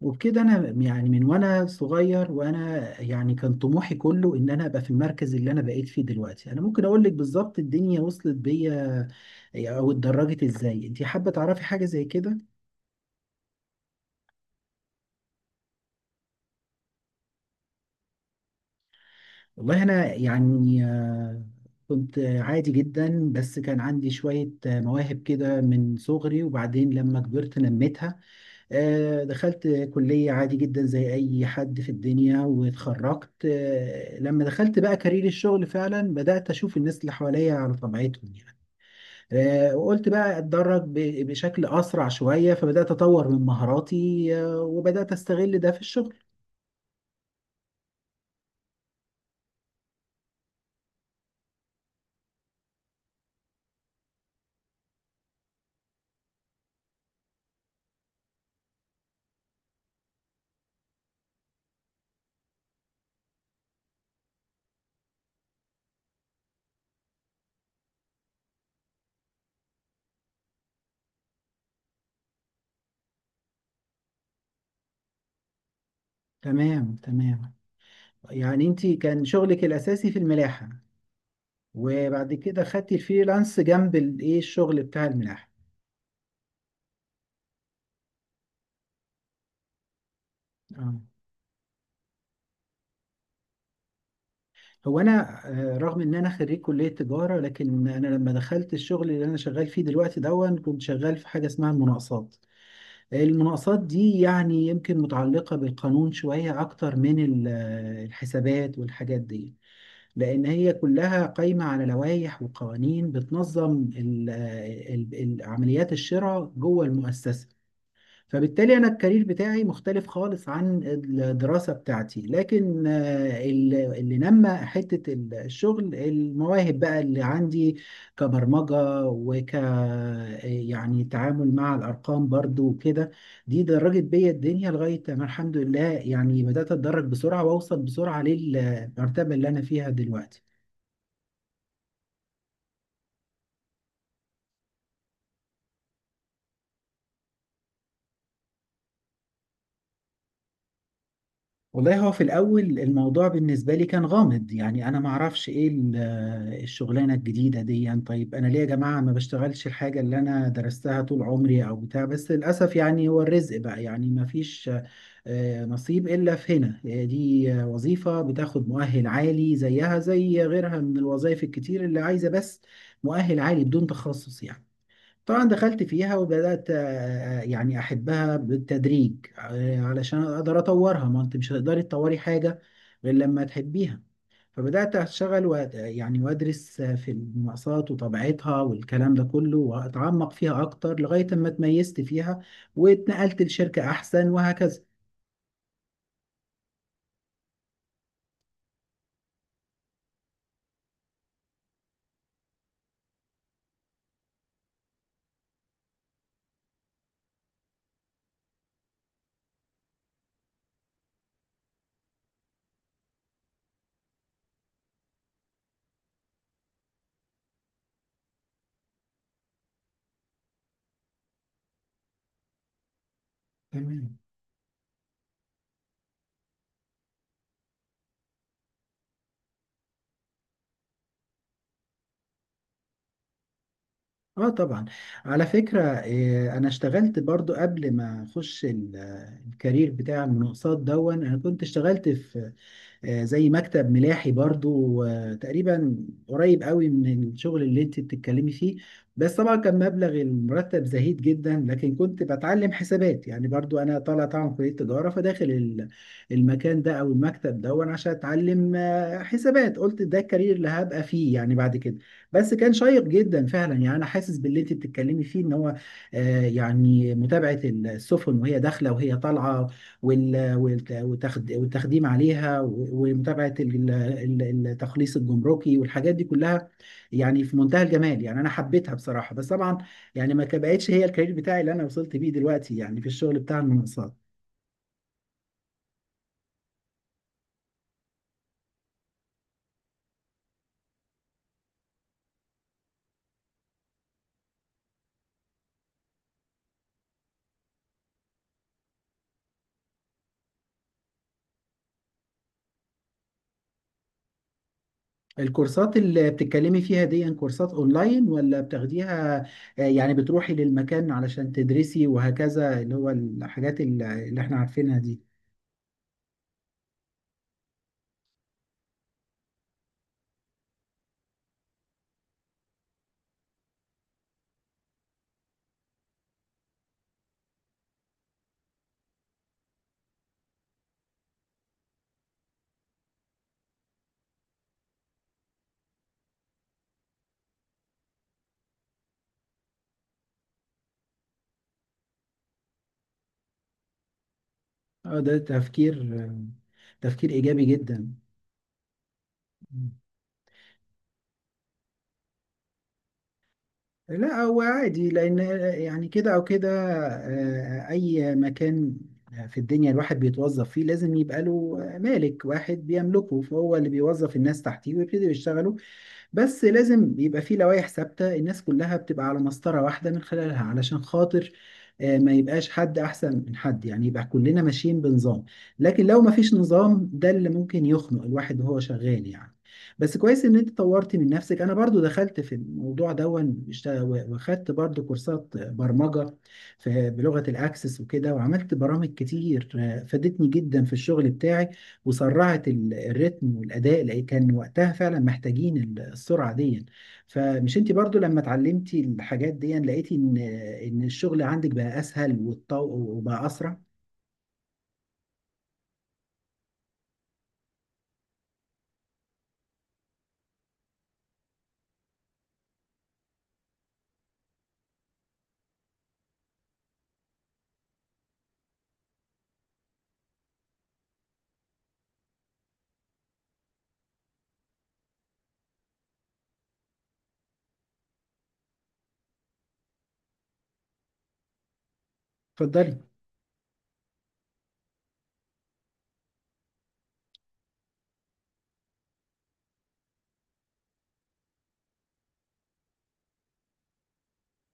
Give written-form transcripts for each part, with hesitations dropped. وبكده انا يعني من وانا صغير وانا يعني كان طموحي كله ان انا ابقى في المركز اللي انا بقيت فيه دلوقتي. انا ممكن اقول لك بالظبط الدنيا وصلت بيا او اتدرجت ازاي، انت حابه تعرفي حاجه زي كده. والله انا يعني كنت عادي جدا، بس كان عندي شويه مواهب كده من صغري، وبعدين لما كبرت نميتها. دخلت كلية عادي جدا زي أي حد في الدنيا واتخرجت. لما دخلت بقى كارير الشغل فعلا بدأت أشوف الناس اللي حواليا على طبيعتهم يعني. وقلت بقى أتدرب بشكل أسرع شوية، فبدأت أطور من مهاراتي وبدأت أستغل ده في الشغل. تمام تمام، يعني أنت كان شغلك الأساسي في الملاحة، وبعد كده خدتي الفريلانس جنب الإيه الشغل بتاع الملاحة. آه. هو انا رغم ان انا خريج كليه تجاره، لكن انا لما دخلت الشغل اللي انا شغال فيه دلوقتي دون كنت شغال في حاجه اسمها المناقصات. المناقصات دي يعني يمكن متعلقه بالقانون شويه اكتر من الحسابات والحاجات دي، لان هي كلها قايمه على لوائح وقوانين بتنظم عمليات الشراء جوه المؤسسه. فبالتالي أنا الكارير بتاعي مختلف خالص عن الدراسة بتاعتي، لكن اللي نمى الشغل المواهب بقى اللي عندي، كبرمجة وك يعني تعامل مع الأرقام برضو وكده. دي درجت بيا الدنيا لغاية ما الحمد لله يعني بدأت أتدرج بسرعة وأوصل بسرعة للمرتبة اللي أنا فيها دلوقتي. والله هو في الأول الموضوع بالنسبة لي كان غامض، يعني أنا ما أعرفش إيه الشغلانة الجديدة دي. يعني طيب أنا ليه يا جماعة ما بشتغلش الحاجة اللي أنا درستها طول عمري أو بتاع؟ بس للأسف يعني هو الرزق بقى يعني ما فيش نصيب إلا في هنا. دي وظيفة بتاخد مؤهل عالي زيها زي غيرها من الوظائف الكتير، اللي عايزة بس مؤهل عالي بدون تخصص يعني. طبعا دخلت فيها وبدأت يعني أحبها بالتدريج علشان أقدر أطورها، ما أنت مش هتقدري تطوري حاجة غير لما تحبيها. فبدأت أشتغل يعني وأدرس في المقاسات وطبيعتها والكلام ده كله، وأتعمق فيها أكتر لغاية ما اتميزت فيها واتنقلت لشركة أحسن وهكذا. تمام. اه طبعا. على فكرة انا اشتغلت برضو قبل ما اخش الكارير بتاع المناقصات دون. انا كنت اشتغلت في زي مكتب ملاحي برضو، تقريبا قريب قوي من الشغل اللي انت بتتكلمي فيه. بس طبعا كان مبلغ المرتب زهيد جدا، لكن كنت بتعلم حسابات، يعني برضو انا طالع طبعا من كلية تجارة، فداخل المكان ده او المكتب ده، وانا عشان اتعلم حسابات قلت ده الكارير اللي هبقى فيه يعني بعد كده. بس كان شيق جدا فعلا، يعني انا حاسس باللي انت بتتكلمي فيه ان هو يعني متابعة السفن وهي داخلة وهي طالعة والتخديم عليها، ومتابعة التخليص الجمركي والحاجات دي كلها. يعني في منتهى الجمال، يعني أنا حبيتها بصراحة، بس طبعا يعني ما بقتش هي الكارير بتاعي اللي أنا وصلت بيه دلوقتي يعني في الشغل بتاع المنصات. الكورسات اللي بتتكلمي فيها دي كورسات اونلاين، ولا بتاخديها يعني بتروحي للمكان علشان تدرسي وهكذا، اللي هو الحاجات اللي احنا عارفينها دي؟ اه، ده تفكير تفكير ايجابي جدا. لا هو عادي، لأن يعني كده أو كده أي مكان في الدنيا الواحد بيتوظف فيه لازم يبقى له مالك واحد بيملكه، فهو اللي بيوظف الناس تحتيه ويبتدي يشتغلوا. بس لازم بيبقى فيه لوائح ثابتة، الناس كلها بتبقى على مسطرة واحدة من خلالها، علشان خاطر ما يبقاش حد أحسن من حد، يعني يبقى كلنا ماشيين بنظام. لكن لو ما فيش نظام، ده اللي ممكن يخنق الواحد وهو شغال يعني. بس كويس ان انت طورت من نفسك. انا برضو دخلت في الموضوع دون واخدت برضو كورسات برمجة في بلغة الاكسس وكده، وعملت برامج كتير فادتني جدا في الشغل بتاعي، وسرعت الريتم والاداء اللي كان وقتها فعلا محتاجين السرعه دي. فمش انت برضو لما اتعلمتي الحاجات دي لقيتي ان الشغل عندك بقى اسهل، والطو وبقى اسرع؟ اتفضلي.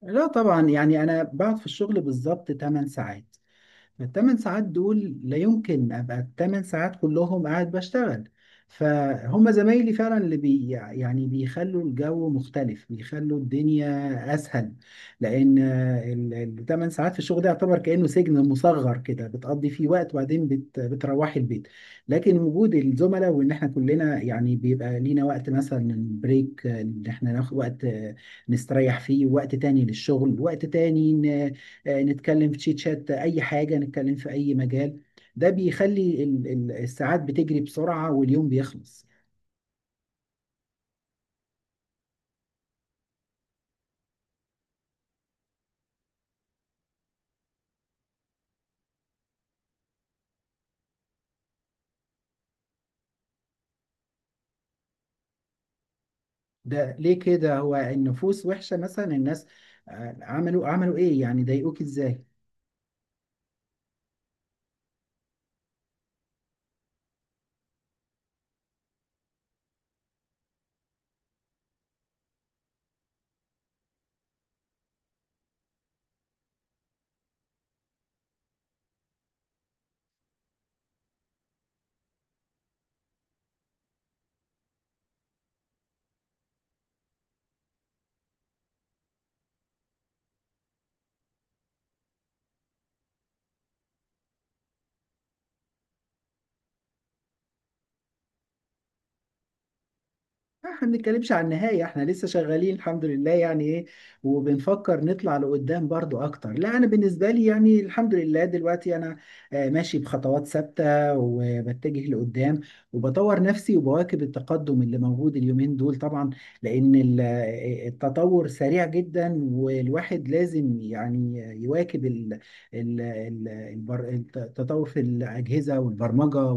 لا طبعا، يعني انا بقعد في الشغل بالظبط 8 ساعات. الثمان ساعات دول لا يمكن ابقى الثمان ساعات كلهم قاعد بشتغل. فهم زمايلي فعلا اللي بي، يعني بيخلوا الجو مختلف، بيخلوا الدنيا اسهل، لان الثمان ساعات في الشغل ده يعتبر كانه سجن مصغر كده، بتقضي فيه وقت وبعدين بتروحي البيت. لكن وجود الزملاء، وان احنا كلنا يعني بيبقى لينا وقت مثلا بريك ان احنا ناخد وقت نستريح فيه، وقت تاني للشغل وقت تاني نتكلم في تشيت شات اي حاجه، نتكلم في اي مجال. ده بيخلي الساعات بتجري بسرعه واليوم بيخلص. ده ليه كده، هو النفوس وحشه مثلا؟ الناس عملوا ايه يعني، ضايقوك ازاي؟ احنا ما بنتكلمش عن النهاية، احنا لسه شغالين الحمد لله يعني ايه، وبنفكر نطلع لقدام برضو اكتر. لا انا بالنسبة لي يعني الحمد لله دلوقتي انا ماشي بخطوات ثابتة، وبتجه لقدام، وبطور نفسي وبواكب التقدم اللي موجود اليومين دول طبعا. لان التطور سريع جدا، والواحد لازم يعني يواكب ال- ال- البر- التطور في الاجهزة والبرمجة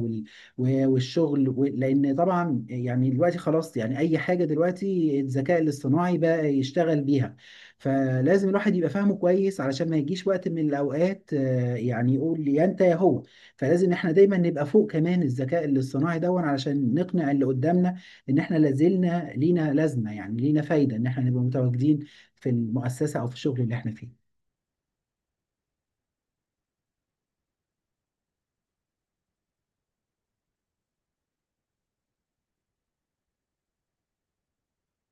والشغل لان طبعا يعني دلوقتي خلاص، يعني اي حاجه دلوقتي الذكاء الاصطناعي بقى يشتغل بيها. فلازم الواحد يبقى فاهمه كويس علشان ما يجيش وقت من الاوقات يعني يقول يا انت يا هو. فلازم احنا دايما نبقى فوق كمان الذكاء الاصطناعي دون، علشان نقنع اللي قدامنا ان احنا لازلنا لينا لازمه، يعني لينا فايده ان احنا نبقى متواجدين في المؤسسه او في الشغل اللي احنا فيه.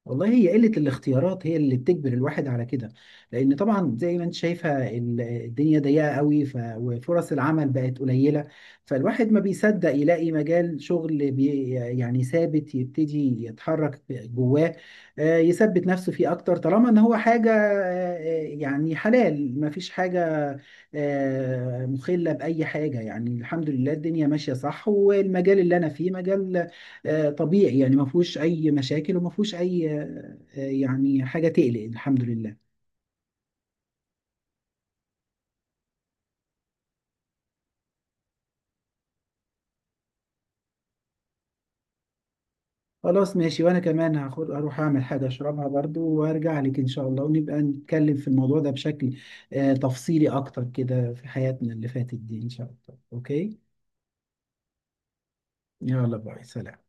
والله هي قلة الاختيارات هي اللي بتجبر الواحد على كده، لأن طبعا زي ما انت شايفة الدنيا ضيقة قوي وفرص العمل بقت قليلة. فالواحد ما بيصدق يلاقي مجال شغل يعني ثابت يبتدي يتحرك جواه يثبت نفسه فيه أكتر، طالما إن هو حاجة يعني حلال ما فيش حاجة مخلة بأي حاجة. يعني الحمد لله الدنيا ماشية صح، والمجال اللي أنا فيه مجال طبيعي، يعني ما فيهوش اي مشاكل وما فيهوش اي يعني حاجه تقلق، الحمد لله. خلاص ماشي، وانا كمان هاخد اروح اعمل حاجه اشربها برضو وارجع لك ان شاء الله، ونبقى نتكلم في الموضوع ده بشكل تفصيلي اكتر كده في حياتنا اللي فاتت دي ان شاء الله. اوكي. يلا باي سلام.